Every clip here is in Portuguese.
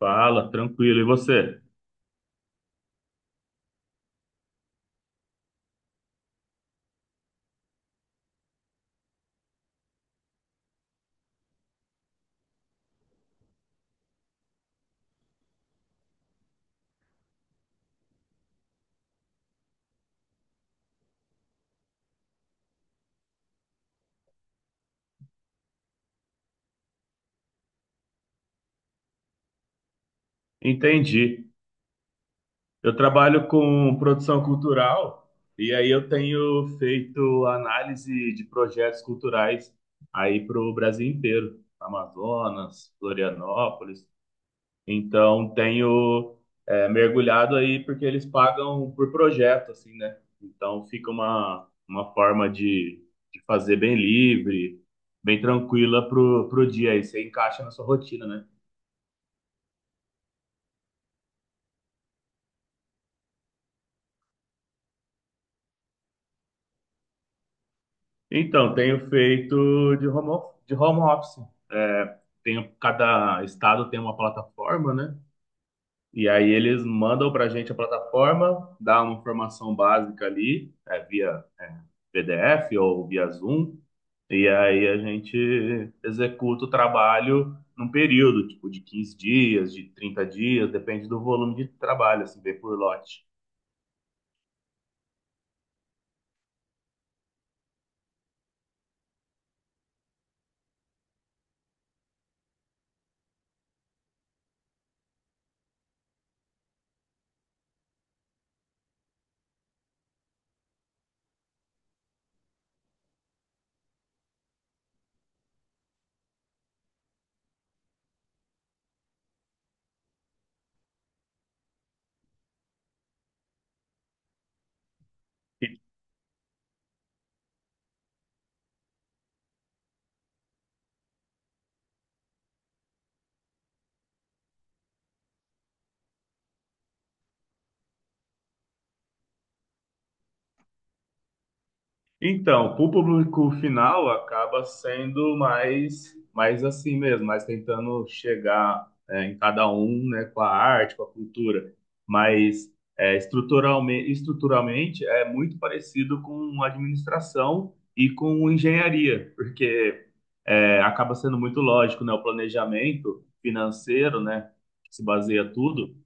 Fala, tranquilo. E você? Entendi. Eu trabalho com produção cultural e aí eu tenho feito análise de projetos culturais aí para o Brasil inteiro, Amazonas, Florianópolis. Então tenho mergulhado aí porque eles pagam por projeto, assim, né? Então fica uma forma de fazer bem livre, bem tranquila pro, pro dia. Aí você encaixa na sua rotina, né? Então, tenho feito de de home office. É, Tenho, cada estado tem uma plataforma, né? E aí eles mandam para a gente a plataforma, dá uma informação básica ali, via PDF ou via Zoom, e aí a gente executa o trabalho num período, tipo, de 15 dias, de 30 dias, depende do volume de trabalho, assim, vem por lote. Então, para o público final acaba sendo mais, mais assim mesmo, mais tentando chegar em cada um, né, com a arte, com a cultura, mas estruturalmente é muito parecido com administração e com engenharia, porque acaba sendo muito lógico, né, o planejamento financeiro, né, que se baseia tudo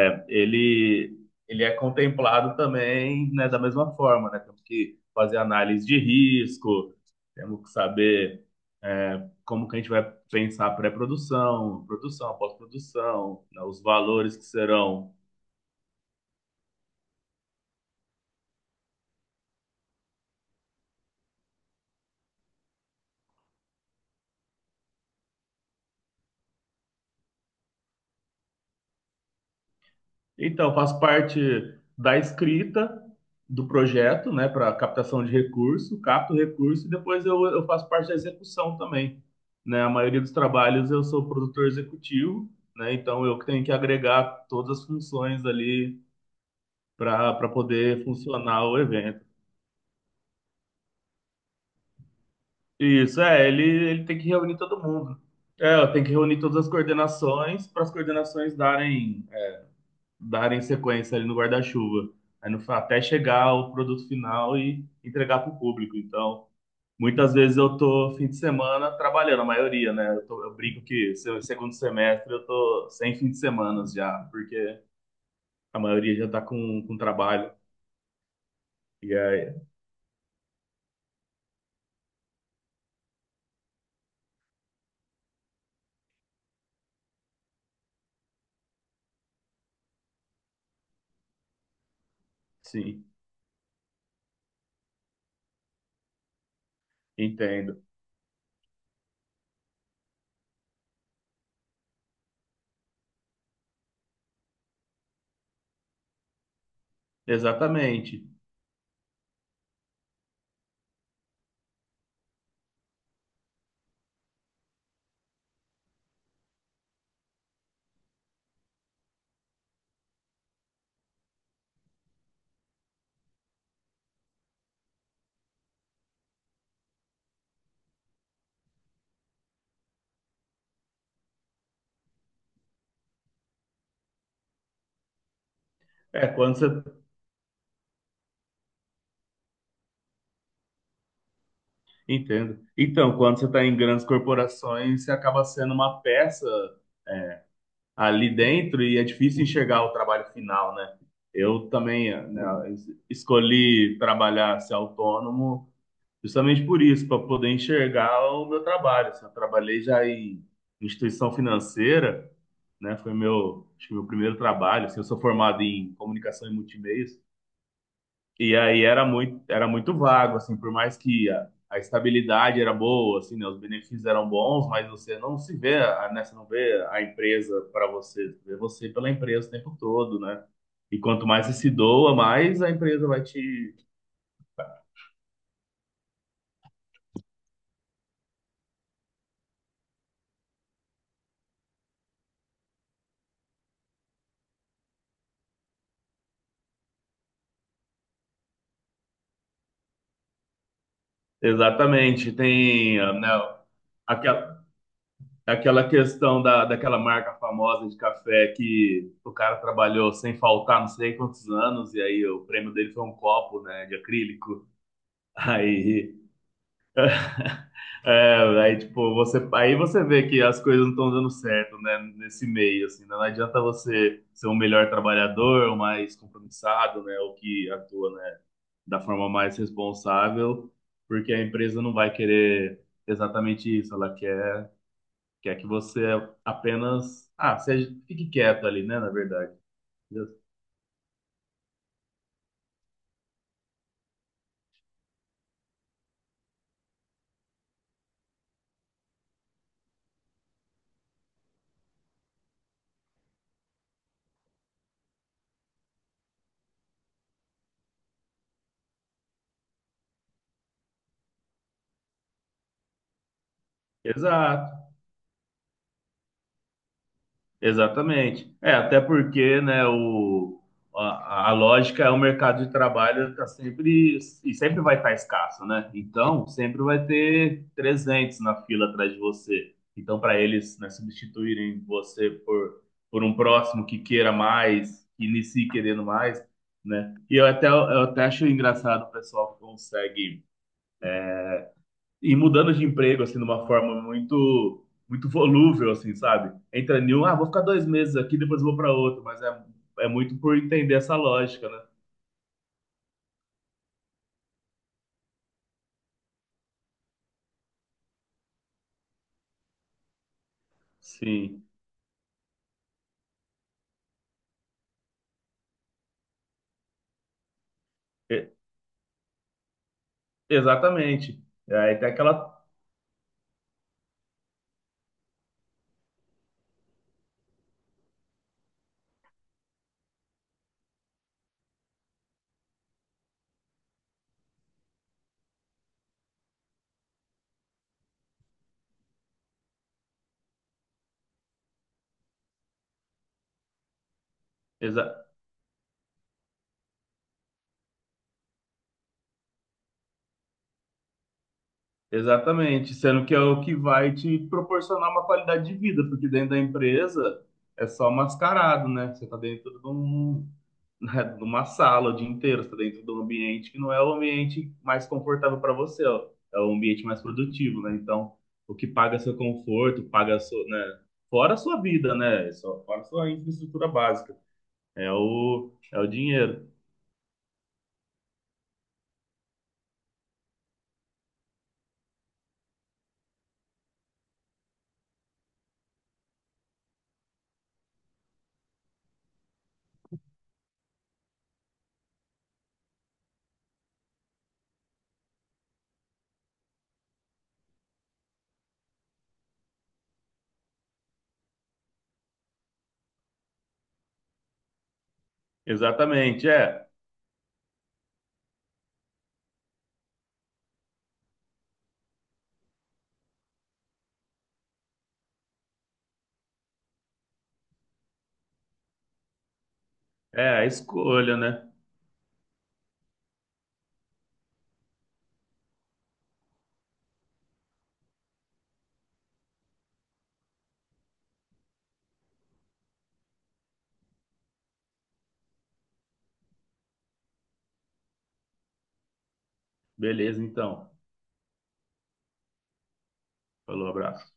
é, ele, Ele é contemplado também, né, da mesma forma, né? Temos que fazer análise de risco, temos que saber como que a gente vai pensar pré-produção, produção, pós-produção, né, os valores que serão. Então, eu faço parte da escrita do projeto, né, para captação de recurso, capto recurso e depois eu faço parte da execução também, né? A maioria dos trabalhos eu sou produtor executivo, né? Então eu que tenho que agregar todas as funções ali para poder funcionar o evento. Isso, ele tem que reunir todo mundo. É, eu tenho que reunir todas as coordenações para as coordenações darem sequência ali no guarda-chuva. Aí no- Até chegar ao produto final e entregar para o público. Então, muitas vezes eu tô fim de semana trabalhando, a maioria, né? Eu brinco que segundo semestre eu tô sem fim de semana já, porque a maioria já tá com trabalho. E aí, sim, entendo. Exatamente. É, quando você. Entendo. Então, quando você está em grandes corporações, você acaba sendo uma peça ali dentro e é difícil enxergar o trabalho final, né? Eu também né, escolhi trabalhar ser autônomo justamente por isso, para poder enxergar o meu trabalho. Assim, eu trabalhei já em instituição financeira, né? Foi meu, acho que meu primeiro trabalho. Assim, eu sou formado em comunicação e multimeios, e aí era muito vago, assim, por mais que a estabilidade era boa, assim, né, os benefícios eram bons, mas você não se vê, né, você não vê a empresa para você, você vê você pela empresa o tempo todo, né? E quanto mais você se doa, mais a empresa vai te... Exatamente, tem, ah, né, aquela, aquela questão da, daquela marca famosa de café que o cara trabalhou sem faltar não sei quantos anos, e aí o prêmio dele foi um copo, né, de acrílico. Aí É, Aí, tipo, você, aí você vê que as coisas não estão dando certo, né, nesse meio, assim, né? Não adianta você ser um melhor trabalhador, o mais compromissado, né, o que atua, né, da forma mais responsável, porque a empresa não vai querer exatamente isso, ela quer, quer que você apenas, ah, seja, fique quieto ali, né, na verdade. Exato. Exatamente. É, até porque, né, a lógica é o mercado de trabalho está sempre e sempre vai estar escasso, né? Então, sempre vai ter 300 na fila atrás de você. Então, para eles, né, substituírem você por um próximo que queira mais, que inicie querendo mais, né? E eu até acho engraçado o pessoal que consegue e mudando de emprego, assim, de uma forma muito, muito volúvel, assim, sabe? Entra em um, ah, vou ficar 2 meses aqui, depois vou para outro, mas é muito por entender essa lógica, né? Sim, E- exatamente. Aí tem aquela. Exatamente, sendo que é o que vai te proporcionar uma qualidade de vida, porque dentro da empresa é só mascarado, né? Você está dentro de né, de uma sala o dia inteiro, você está dentro de um ambiente que não é o ambiente mais confortável para você, ó. É o ambiente mais produtivo, né? Então, o que paga seu conforto, paga seu, né? Fora a sua vida, né? Fora a sua infraestrutura básica. É o dinheiro. Exatamente, é. É a escolha, né? Beleza, então. Falou, abraço.